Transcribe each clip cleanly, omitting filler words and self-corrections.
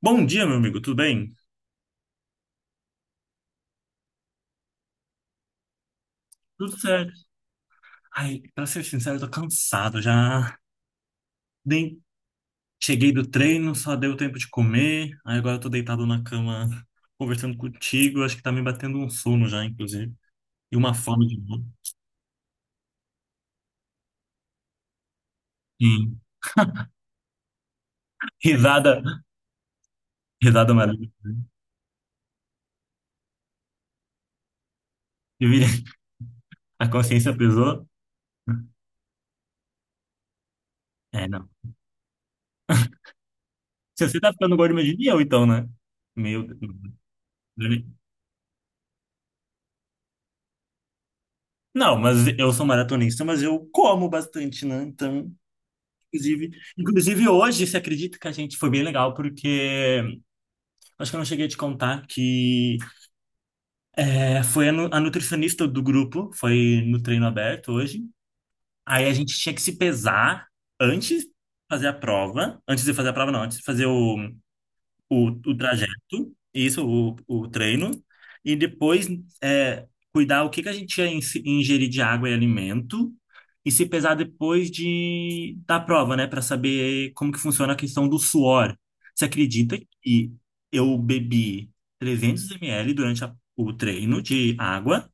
Bom dia, meu amigo, tudo bem? Tudo certo. Ai, pra ser sincero, eu tô cansado já. Nem cheguei do treino, só deu tempo de comer. Aí agora eu tô deitado na cama conversando contigo. Acho que tá me batendo um sono já, inclusive. E uma fome de novo. Sim. Risada, risada maravilhosa. Eu vi- A consciência pesou. É, não. Se você tá ficando gordo, imagine eu, então, né? Meu Deus. Não, mas eu sou maratonista, mas eu como bastante, né? Então. Inclusive, inclusive hoje, você acredita que a gente foi bem legal, porque acho que eu não cheguei a te contar que foi a nutricionista do grupo, foi no treino aberto hoje. Aí a gente tinha que se pesar antes de fazer a prova. Antes de fazer a prova, não, antes de fazer o trajeto, isso, o treino, e depois é, cuidar o que que a gente ingerir de água e alimento, e se pesar depois de, da prova, né, para saber como que funciona a questão do suor. Você acredita que eu bebi 300 ml durante o treino de água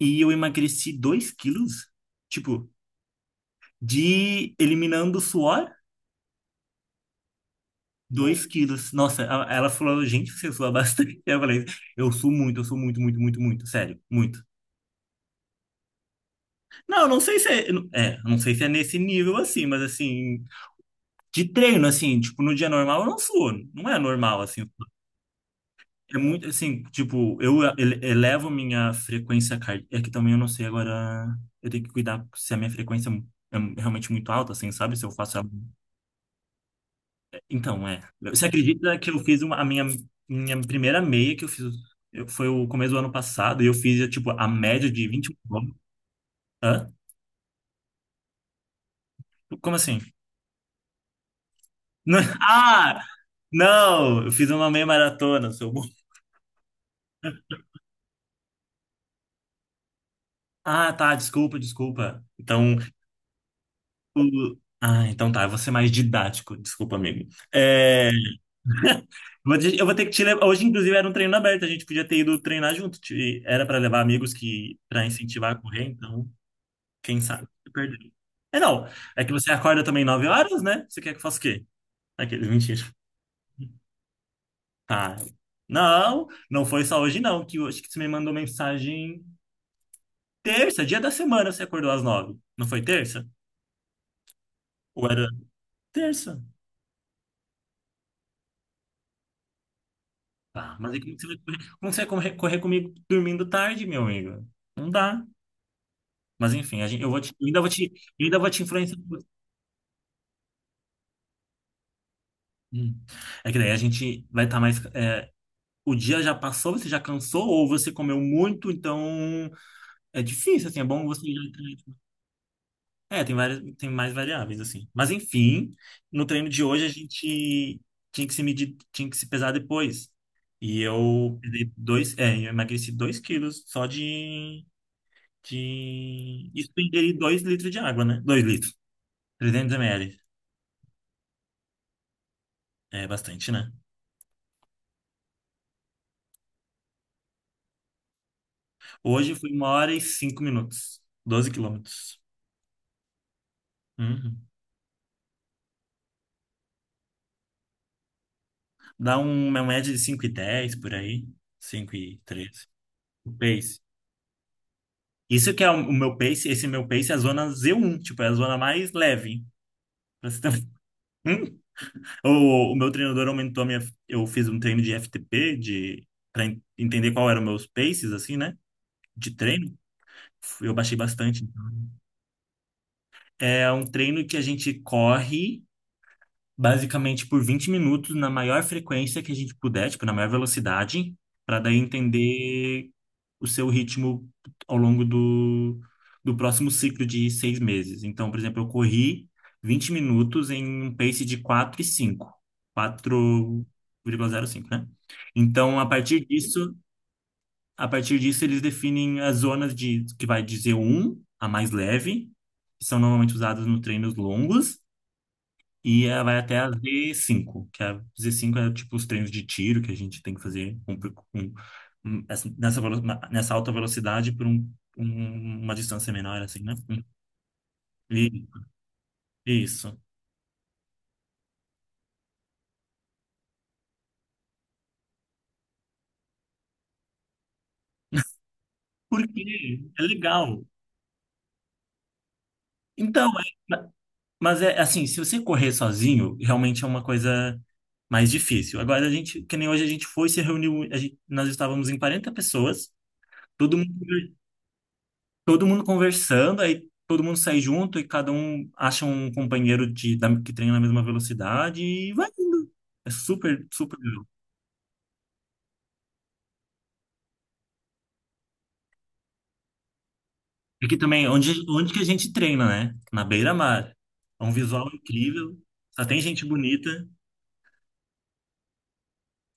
e eu emagreci 2 quilos? Tipo, de eliminando o suor? 2 quilos. Nossa, ela falou, gente, você sua bastante. Eu falei, eu suo muito, muito, muito, muito, sério, muito. Não, eu não sei se é nesse nível assim, mas assim, de treino, assim, tipo, no dia normal eu não suo, não é normal, assim. É muito, assim, tipo, eu elevo minha frequência cardíaca, é que também eu não sei agora, eu tenho que cuidar se a minha frequência é realmente muito alta, assim, sabe? Se eu faço Então, é. Você acredita que eu fiz a minha primeira meia que eu fiz foi o começo do ano passado e eu fiz, tipo, a média de 21 quilômetros? Hã? Como assim? Ah! Não! Eu fiz uma meia maratona, seu burro. Ah, tá. Desculpa, desculpa. Então, Ah, então tá. Eu vou ser mais didático. Desculpa, amigo. É... Eu vou ter que te levar. Hoje, inclusive, era um treino aberto. A gente podia ter ido treinar junto. Era para levar amigos que para incentivar a correr, então. Quem sabe? Eu perdi. É não, é que você acorda também 9 horas, né? Você quer que eu faça o quê? Aqueles, mentira. Ah, não, não foi só hoje não, que hoje que você me mandou mensagem terça, dia da semana você acordou às 9. Não foi terça? Ou era terça? Ah, mas aí como que você vai correr, como você vai correr, correr comigo dormindo tarde, meu amigo? Não dá. Mas enfim, a gente, eu vou te, eu ainda vou te, eu ainda vou te influenciar. Hum. É que daí a gente vai estar mais. O dia já passou, você já cansou, ou você comeu muito, então. É difícil, assim, é bom você já entrar. É, tem várias, tem mais variáveis, assim. Mas enfim, no treino de hoje a gente tinha que se medir, tinha que se pesar depois. E eu emagreci dois quilos só de... Isso eu ingeri 2 litros de água, né? 2 litros, 300 ml. É bastante, né? Hoje foi 1 hora e 5 minutos, 12 quilômetros. Uhum. Uma média de 5:10 por aí, 5:13. O pace. Isso que é o meu pace, esse meu pace é a zona Z1, tipo, é a zona mais leve. Pra você ter uma- Hum? O meu treinador aumentou a minha. Eu fiz um treino de FTP, de, para entender qual eram meus paces, assim, né? De treino. Eu baixei bastante. É um treino que a gente corre, basicamente por 20 minutos na maior frequência que a gente puder, tipo, na maior velocidade, para daí entender o seu ritmo ao longo do próximo ciclo de 6 meses. Então, por exemplo, eu corri 20 minutos em um pace de 4:05, 4,05, né? Então, a partir disso eles definem as zonas de que vai de Z1 a mais leve, que são normalmente usadas nos treinos longos, e ela vai até a Z5, que a Z5 é tipo os treinos de tiro que a gente tem que fazer nessa alta velocidade por uma distância menor, assim, né? E, isso. Porque é legal. Então, mas é assim, se você correr sozinho, realmente é uma coisa mais difícil. Agora, a gente, que nem hoje a gente foi, se reuniu, a gente, nós estávamos em 40 pessoas, todo mundo todo mundo conversando, aí todo mundo sai junto e cada um acha um companheiro de, da- que treina na mesma velocidade e vai indo. É super, super legal. E aqui também, onde que a gente treina, né? Na beira-mar. É um visual incrível, só tem gente bonita.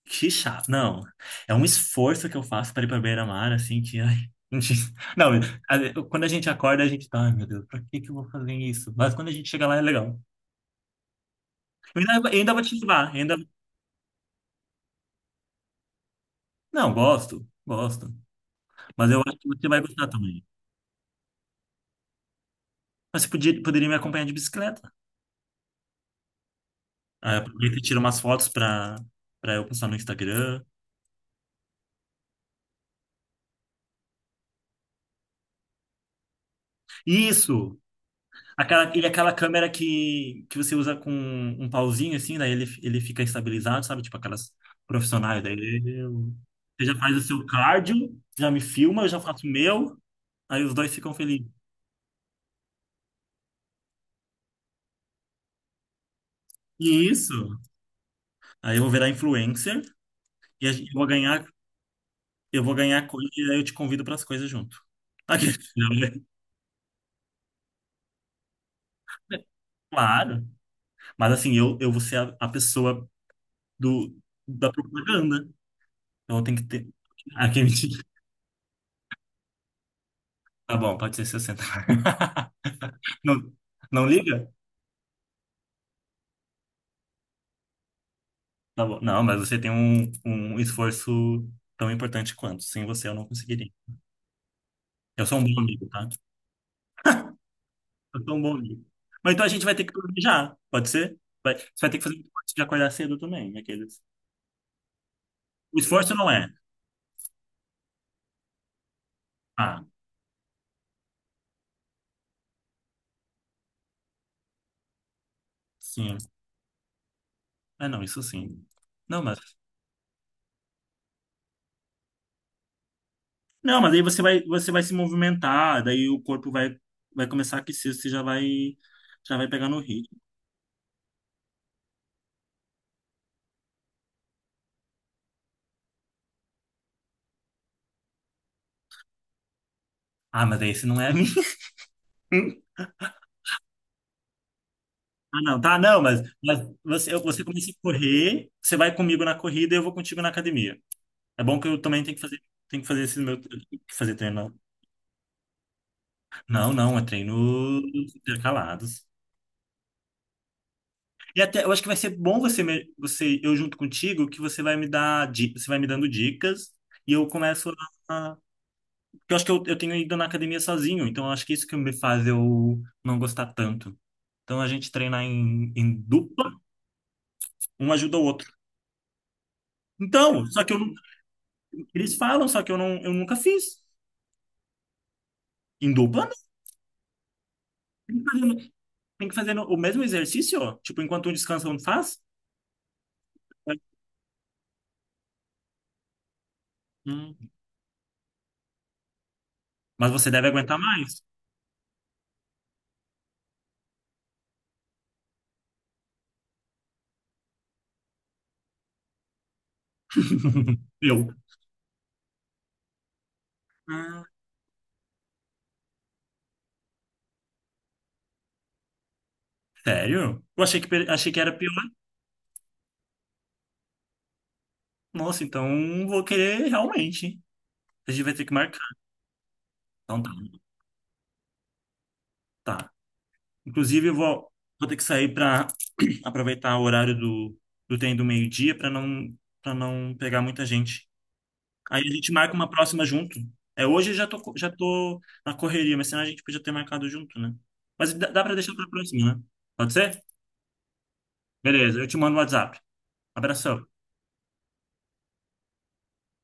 Que chato. Não, é um esforço que eu faço para ir para beira-mar, assim, que, ai, não, não, quando a gente acorda, a gente tá, ai meu Deus, pra que que eu vou fazer isso? Mas quando a gente chega lá, é legal. Eu ainda vou te levar, ainda. Não, gosto, gosto. Mas eu acho que você vai gostar também. Mas você podia, poderia me acompanhar de bicicleta. Aí aproveita e tira umas fotos pra eu postar no Instagram. Isso! Aquela, e aquela câmera que você usa com um pauzinho, assim, daí ele fica estabilizado, sabe? Tipo aquelas profissionais. Você já faz o seu cardio, já me filma, eu já faço o meu. Aí os dois ficam felizes. Isso! Aí eu vou virar influencer eu vou ganhar, coisa e aí eu te convido para as coisas junto. Aqui. Claro. Mas assim, eu vou ser a pessoa do, da propaganda. Então eu tenho que ter. Ah, quem me diga. Tá bom, pode ser 60. Não, não liga? Tá bom. Não, mas você tem um esforço tão importante quanto. Sem você eu não conseguiria. Eu sou um bom amigo, tá? Eu sou um bom amigo. Mas então a gente vai ter que planejar, pode ser? Vai, você vai ter que fazer um esforço de acordar cedo também, aqueles. O esforço não é. Ah, sim. É, não, isso sim. Não, mas Não, mas aí você vai se movimentar, daí o corpo vai começar a aquecer, você já vai pegar no ritmo. Ah, mas esse não é a minha. Ah, não, tá, não, mas você, você começa a correr, você vai comigo na corrida e eu vou contigo na academia. É bom que eu também tenho que fazer, esse meu, que fazer treino. Não, não, é treino intercalados. E até, eu acho que vai ser bom você, você, eu junto contigo, que você vai me dar, você vai me dando dicas e eu começo. Porque eu acho que eu tenho ido na academia sozinho, então eu acho que isso que me faz eu não gostar tanto. Então a gente treinar em dupla, um ajuda o outro. Então, só que eu, eles falam, só que eu, não, eu nunca fiz. Em dupla, não. Tem que fazer, tem que fazer o mesmo exercício, ó. Tipo, enquanto um descansa, um faz. Hum, Mas você deve aguentar mais. Eu. Ah, sério? Eu achei que, achei que era pior. Nossa, então vou querer realmente. A gente vai ter que marcar. Então tá, tá. Inclusive, eu vou, ter que sair para aproveitar o horário do trem do meio-dia para não, pegar muita gente. Aí a gente marca uma próxima junto. É, hoje eu já tô, já tô na correria, mas senão a gente podia ter marcado junto, né? Mas dá para deixar para próxima, né? Pode ser? Beleza, eu te mando o WhatsApp. Abração.